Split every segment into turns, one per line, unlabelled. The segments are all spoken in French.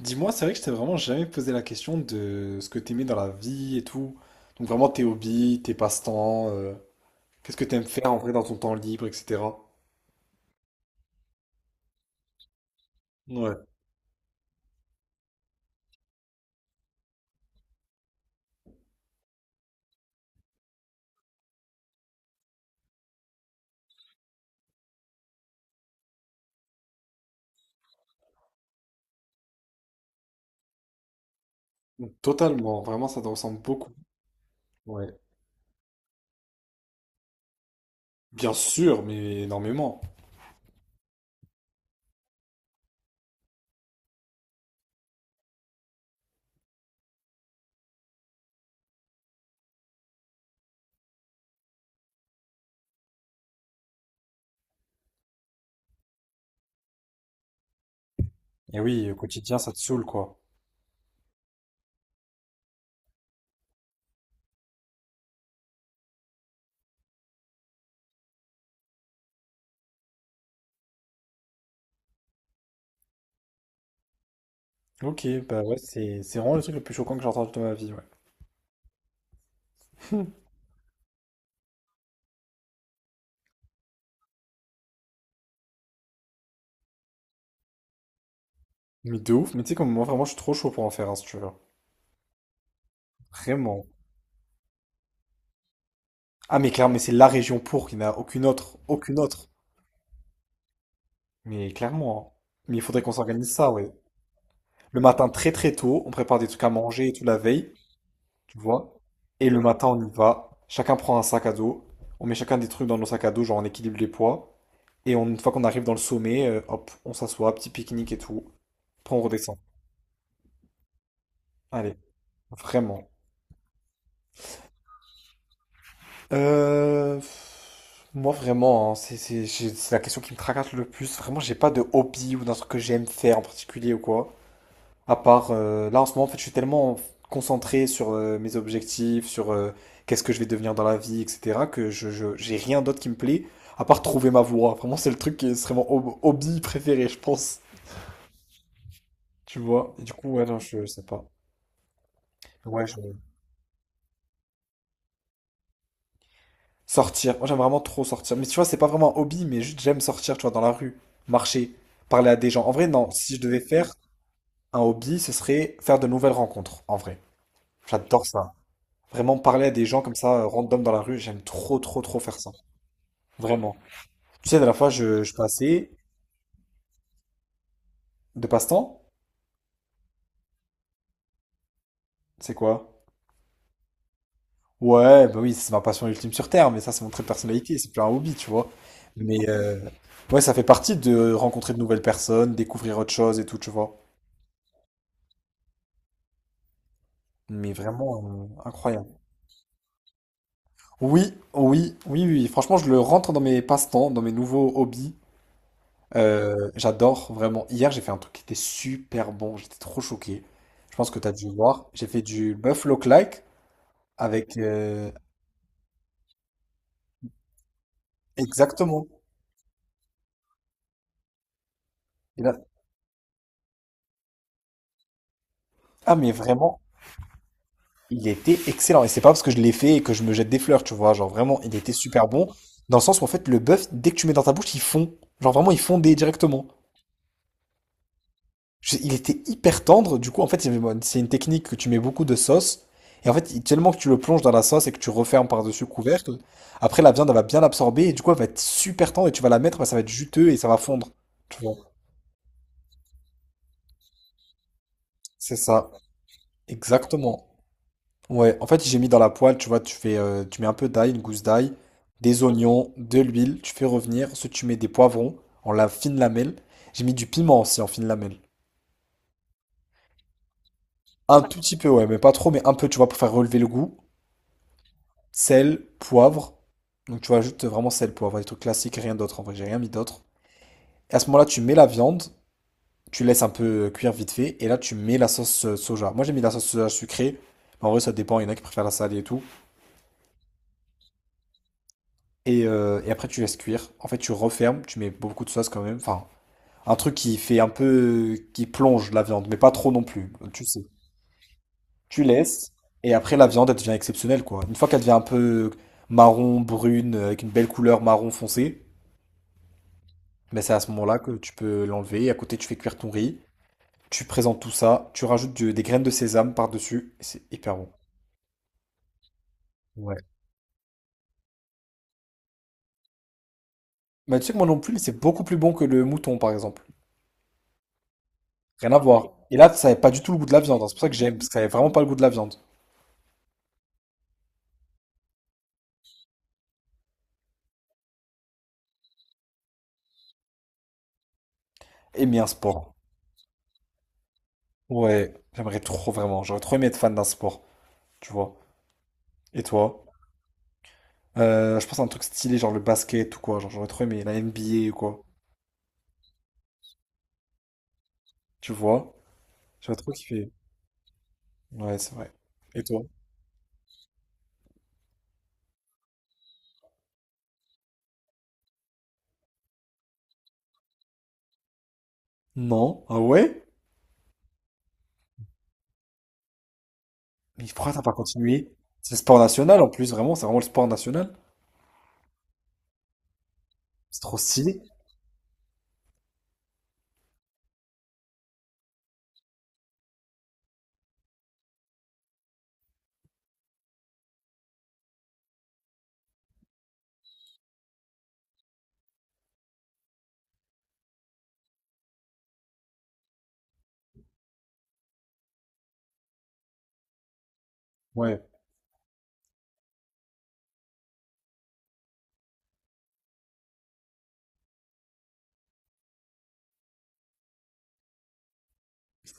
Dis-moi, c'est vrai que je t'ai vraiment jamais posé la question de ce que t'aimais dans la vie et tout. Donc vraiment tes hobbies, tes passe-temps, qu'est-ce que t'aimes faire en vrai dans ton temps libre, etc. Ouais, totalement, vraiment ça te ressemble beaucoup. Ouais. Bien sûr, mais énormément. Et oui, au quotidien, ça te saoule, quoi. Ok, bah ouais, c'est vraiment le truc le plus choquant que j'ai entendu de ma vie, ouais. Mais de ouf, mais tu sais comme moi vraiment je suis trop chaud pour en faire un si tu veux. Vraiment. Ah mais clairement, mais c'est la région pour, qu'il n'y en a aucune autre, aucune autre. Mais clairement, hein. Mais il faudrait qu'on s'organise ça, ouais. Le matin, très très tôt, on prépare des trucs à manger et tout la veille, tu vois. Et le matin, on y va. Chacun prend un sac à dos. On met chacun des trucs dans nos sacs à dos, genre on équilibre les poids. Une fois qu'on arrive dans le sommet, hop, on s'assoit, petit pique-nique et tout. Après, on redescend. Allez, vraiment. Euh, pff, Moi, vraiment, hein, c'est la question qui me tracasse le plus. Vraiment, j'ai pas de hobby ou d'un truc que j'aime faire en particulier ou quoi. À part, là en ce moment, en fait, je suis tellement concentré sur mes objectifs, sur qu'est-ce que je vais devenir dans la vie, etc., que j'ai rien d'autre qui me plaît, à part trouver ma voie. Vraiment, c'est le truc qui serait mon hobby préféré, je pense. Tu vois? Et du coup, ouais, non, je sais pas. Ouais, je... Sortir. Moi, j'aime vraiment trop sortir. Mais tu vois, c'est pas vraiment un hobby, mais juste j'aime sortir, tu vois, dans la rue, marcher, parler à des gens. En vrai, non, si je devais faire un hobby, ce serait faire de nouvelles rencontres, en vrai. J'adore ça. Vraiment parler à des gens comme ça, random dans la rue, j'aime trop, trop, trop faire ça. Vraiment. Tu sais, de la fois, je passais de passe-temps. C'est quoi? Ouais, bah oui, c'est ma passion ultime sur Terre, mais ça, c'est mon trait de personnalité, c'est plus un hobby, tu vois. Mais ouais, ça fait partie de rencontrer de nouvelles personnes, découvrir autre chose et tout, tu vois. Mais vraiment incroyable. Oui, oui, oui, oui, oui. Franchement, je le rentre dans mes passe-temps, dans mes nouveaux hobbies. J'adore vraiment. Hier, j'ai fait un truc qui était super bon. J'étais trop choqué. Je pense que tu as dû voir. J'ai fait du buffalo like avec exactement. Et là- Ah mais vraiment, il était excellent. Et c'est pas parce que je l'ai fait et que je me jette des fleurs, tu vois. Genre vraiment, il était super bon. Dans le sens où en fait, le bœuf, dès que tu mets dans ta bouche, il fond. Genre vraiment, il fondait directement. Il était hyper tendre, du coup, en fait, c'est une technique que tu mets beaucoup de sauce, et en fait, tellement que tu le plonges dans la sauce et que tu refermes par-dessus le couvercle, après la viande, elle va bien l'absorber, et du coup, elle va être super tendre, et tu vas la mettre, bah, ça va être juteux et ça va fondre. Tu vois, c'est ça, exactement. Ouais, en fait, j'ai mis dans la poêle, tu vois, tu fais, tu mets un peu d'ail, une gousse d'ail, des oignons, de l'huile, tu fais revenir, ensuite tu mets des poivrons en la fine lamelle, j'ai mis du piment aussi en fine lamelle. Un tout petit peu, ouais, mais pas trop, mais un peu, tu vois, pour faire relever le goût. Sel, poivre. Donc tu ajoutes vraiment sel, poivre, des trucs classiques, rien d'autre en vrai, j'ai rien mis d'autre. Et à ce moment-là, tu mets la viande, tu laisses un peu cuire vite fait, et là tu mets la sauce soja. Moi j'ai mis la sauce soja sucrée, mais en vrai ça dépend, il y en a qui préfèrent la salée et tout. Et après tu laisses cuire. En fait tu refermes, tu mets beaucoup de sauce quand même. Enfin, un truc qui fait un peu, qui plonge la viande, mais pas trop non plus, tu sais. Tu laisses, et après la viande elle devient exceptionnelle quoi. Une fois qu'elle devient un peu marron, brune, avec une belle couleur marron foncé, ben, c'est à ce moment-là que tu peux l'enlever. Et à côté, tu fais cuire ton riz. Tu présentes tout ça. Tu rajoutes des graines de sésame par-dessus. Et c'est hyper bon. Ouais. Mais tu sais que moi non plus, c'est beaucoup plus bon que le mouton, par exemple. Rien à voir. Et là, ça n'avait pas du tout le goût de la viande, hein. C'est pour ça que j'aime, parce que ça n'avait vraiment pas le goût de la viande. Aimer un sport. Ouais, j'aimerais trop vraiment. J'aurais trop aimé être fan d'un sport, tu vois. Et toi? Je pense à un truc stylé, genre le basket ou quoi. Genre, j'aurais trop aimé la NBA ou quoi. Tu vois? J'aurais trop kiffé. Ouais, c'est vrai. Et toi? Non. Ah ouais? Mais pourquoi t'as pas continué? C'est le sport national en plus, vraiment, c'est vraiment le sport national. C'est trop stylé. Ouais,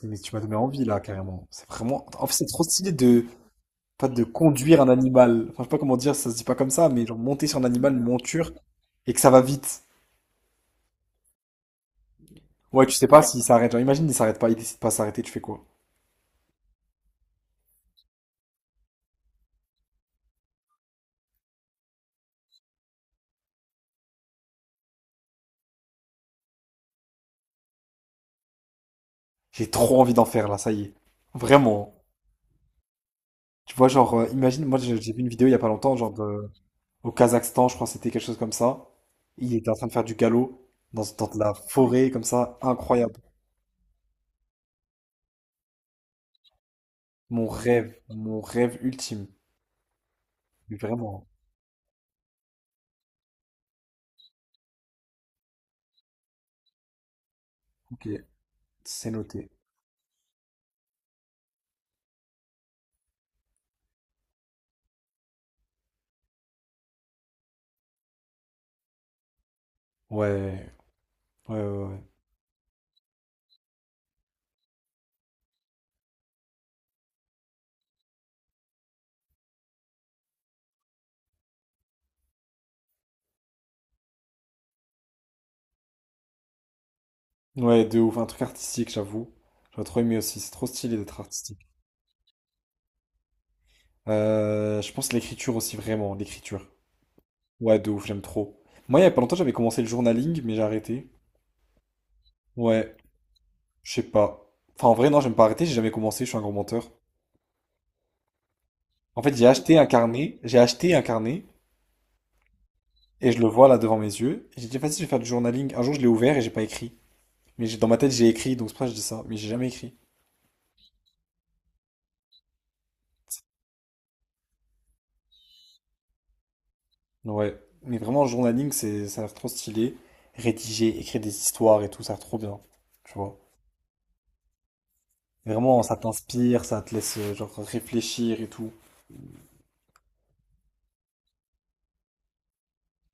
mais tu m'as donné envie là, carrément. C'est vraiment. En fait, c'est trop stylé de. Pas de conduire un animal. Enfin, je sais pas comment dire, ça se dit pas comme ça, mais genre monter sur un animal, une monture, et que ça va vite. Ouais, tu sais pas s'il s'arrête. Genre, imagine, il s'arrête pas, il décide pas de s'arrêter, tu fais quoi? J'ai trop envie d'en faire là, ça y est. Vraiment. Tu vois, genre, imagine, moi j'ai vu une vidéo il y a pas longtemps, genre au Kazakhstan, je crois que c'était quelque chose comme ça. Il était en train de faire du galop dans, dans de la forêt, comme ça, incroyable. Mon rêve ultime. Mais vraiment, ok, c'est noté. Ouais, ouais, ouais, ouais. Ouais, de ouf, un truc artistique, j'avoue. J'aurais trop aimé aussi, c'est trop stylé d'être artistique. Je pense l'écriture aussi, vraiment, l'écriture. Ouais, de ouf, j'aime trop. Moi, il y a pas longtemps, j'avais commencé le journaling, mais j'ai arrêté. Ouais, je sais pas. Enfin, en vrai, non, j'aime pas arrêter, j'ai jamais commencé, je suis un gros menteur. En fait, j'ai acheté un carnet. Et je le vois là devant mes yeux. Et j'ai dit, vas-y, je vais faire du journaling. Un jour, je l'ai ouvert et j'ai pas écrit. Dans ma tête, j'ai écrit, donc c'est pour ça que je dis ça. Mais j'ai jamais écrit. Ouais. Mais vraiment, le journaling, ça a l'air trop stylé. Rédiger, écrire des histoires et tout, ça a l'air trop bien. Tu vois. Vraiment, ça t'inspire, ça te laisse, genre, réfléchir et tout.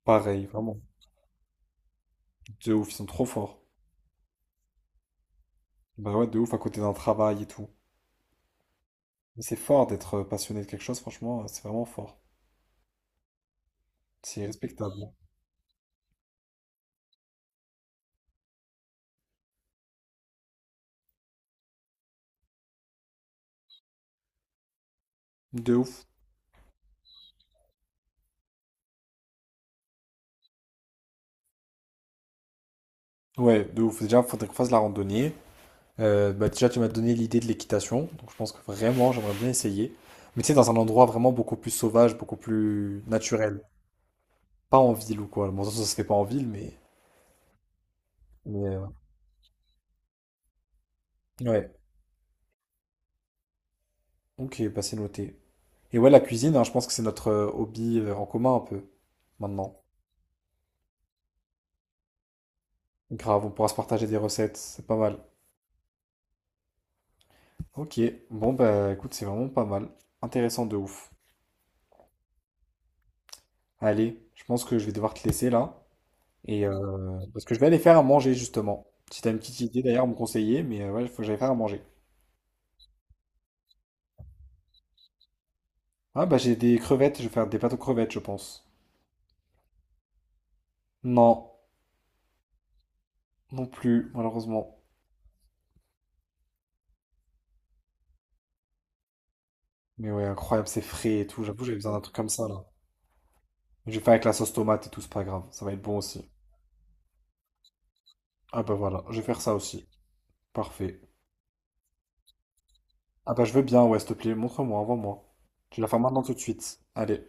Pareil, vraiment. De ouf, ils sont trop forts. Bah ouais, de ouf, à côté d'un travail et tout. Mais c'est fort d'être passionné de quelque chose, franchement, c'est vraiment fort. C'est respectable. De ouf. Ouais, de ouf. Déjà, faudrait qu'on fasse la randonnée. Bah déjà, tu m'as donné l'idée de l'équitation, donc je pense que vraiment, j'aimerais bien essayer. Mais tu sais, dans un endroit vraiment beaucoup plus sauvage, beaucoup plus naturel. Pas en ville ou quoi. Bon, ça se fait pas en ville, mais... mais, euh, ouais, ok, bah c'est noté. Et ouais, la cuisine, hein, je pense que c'est notre hobby en commun un peu, maintenant. Grave, on pourra se partager des recettes, c'est pas mal. Ok, bon bah écoute, c'est vraiment pas mal. Intéressant de ouf. Allez, je pense que je vais devoir te laisser là. Et parce que je vais aller faire à manger justement. Si t'as une petite idée d'ailleurs à me conseiller, mais ouais, il faut que j'aille faire à manger. Ah bah j'ai des crevettes, je vais faire des pâtes aux crevettes, je pense. Non, non plus, malheureusement. Mais ouais, incroyable, c'est frais et tout. J'avoue, j'avais besoin d'un truc comme ça là. Je vais faire avec la sauce tomate et tout, c'est pas grave. Ça va être bon aussi. Ah bah voilà, je vais faire ça aussi. Parfait. Ah bah je veux bien, ouais, s'il te plaît, montre-moi, envoie-moi. Tu la fais maintenant tout de suite. Allez.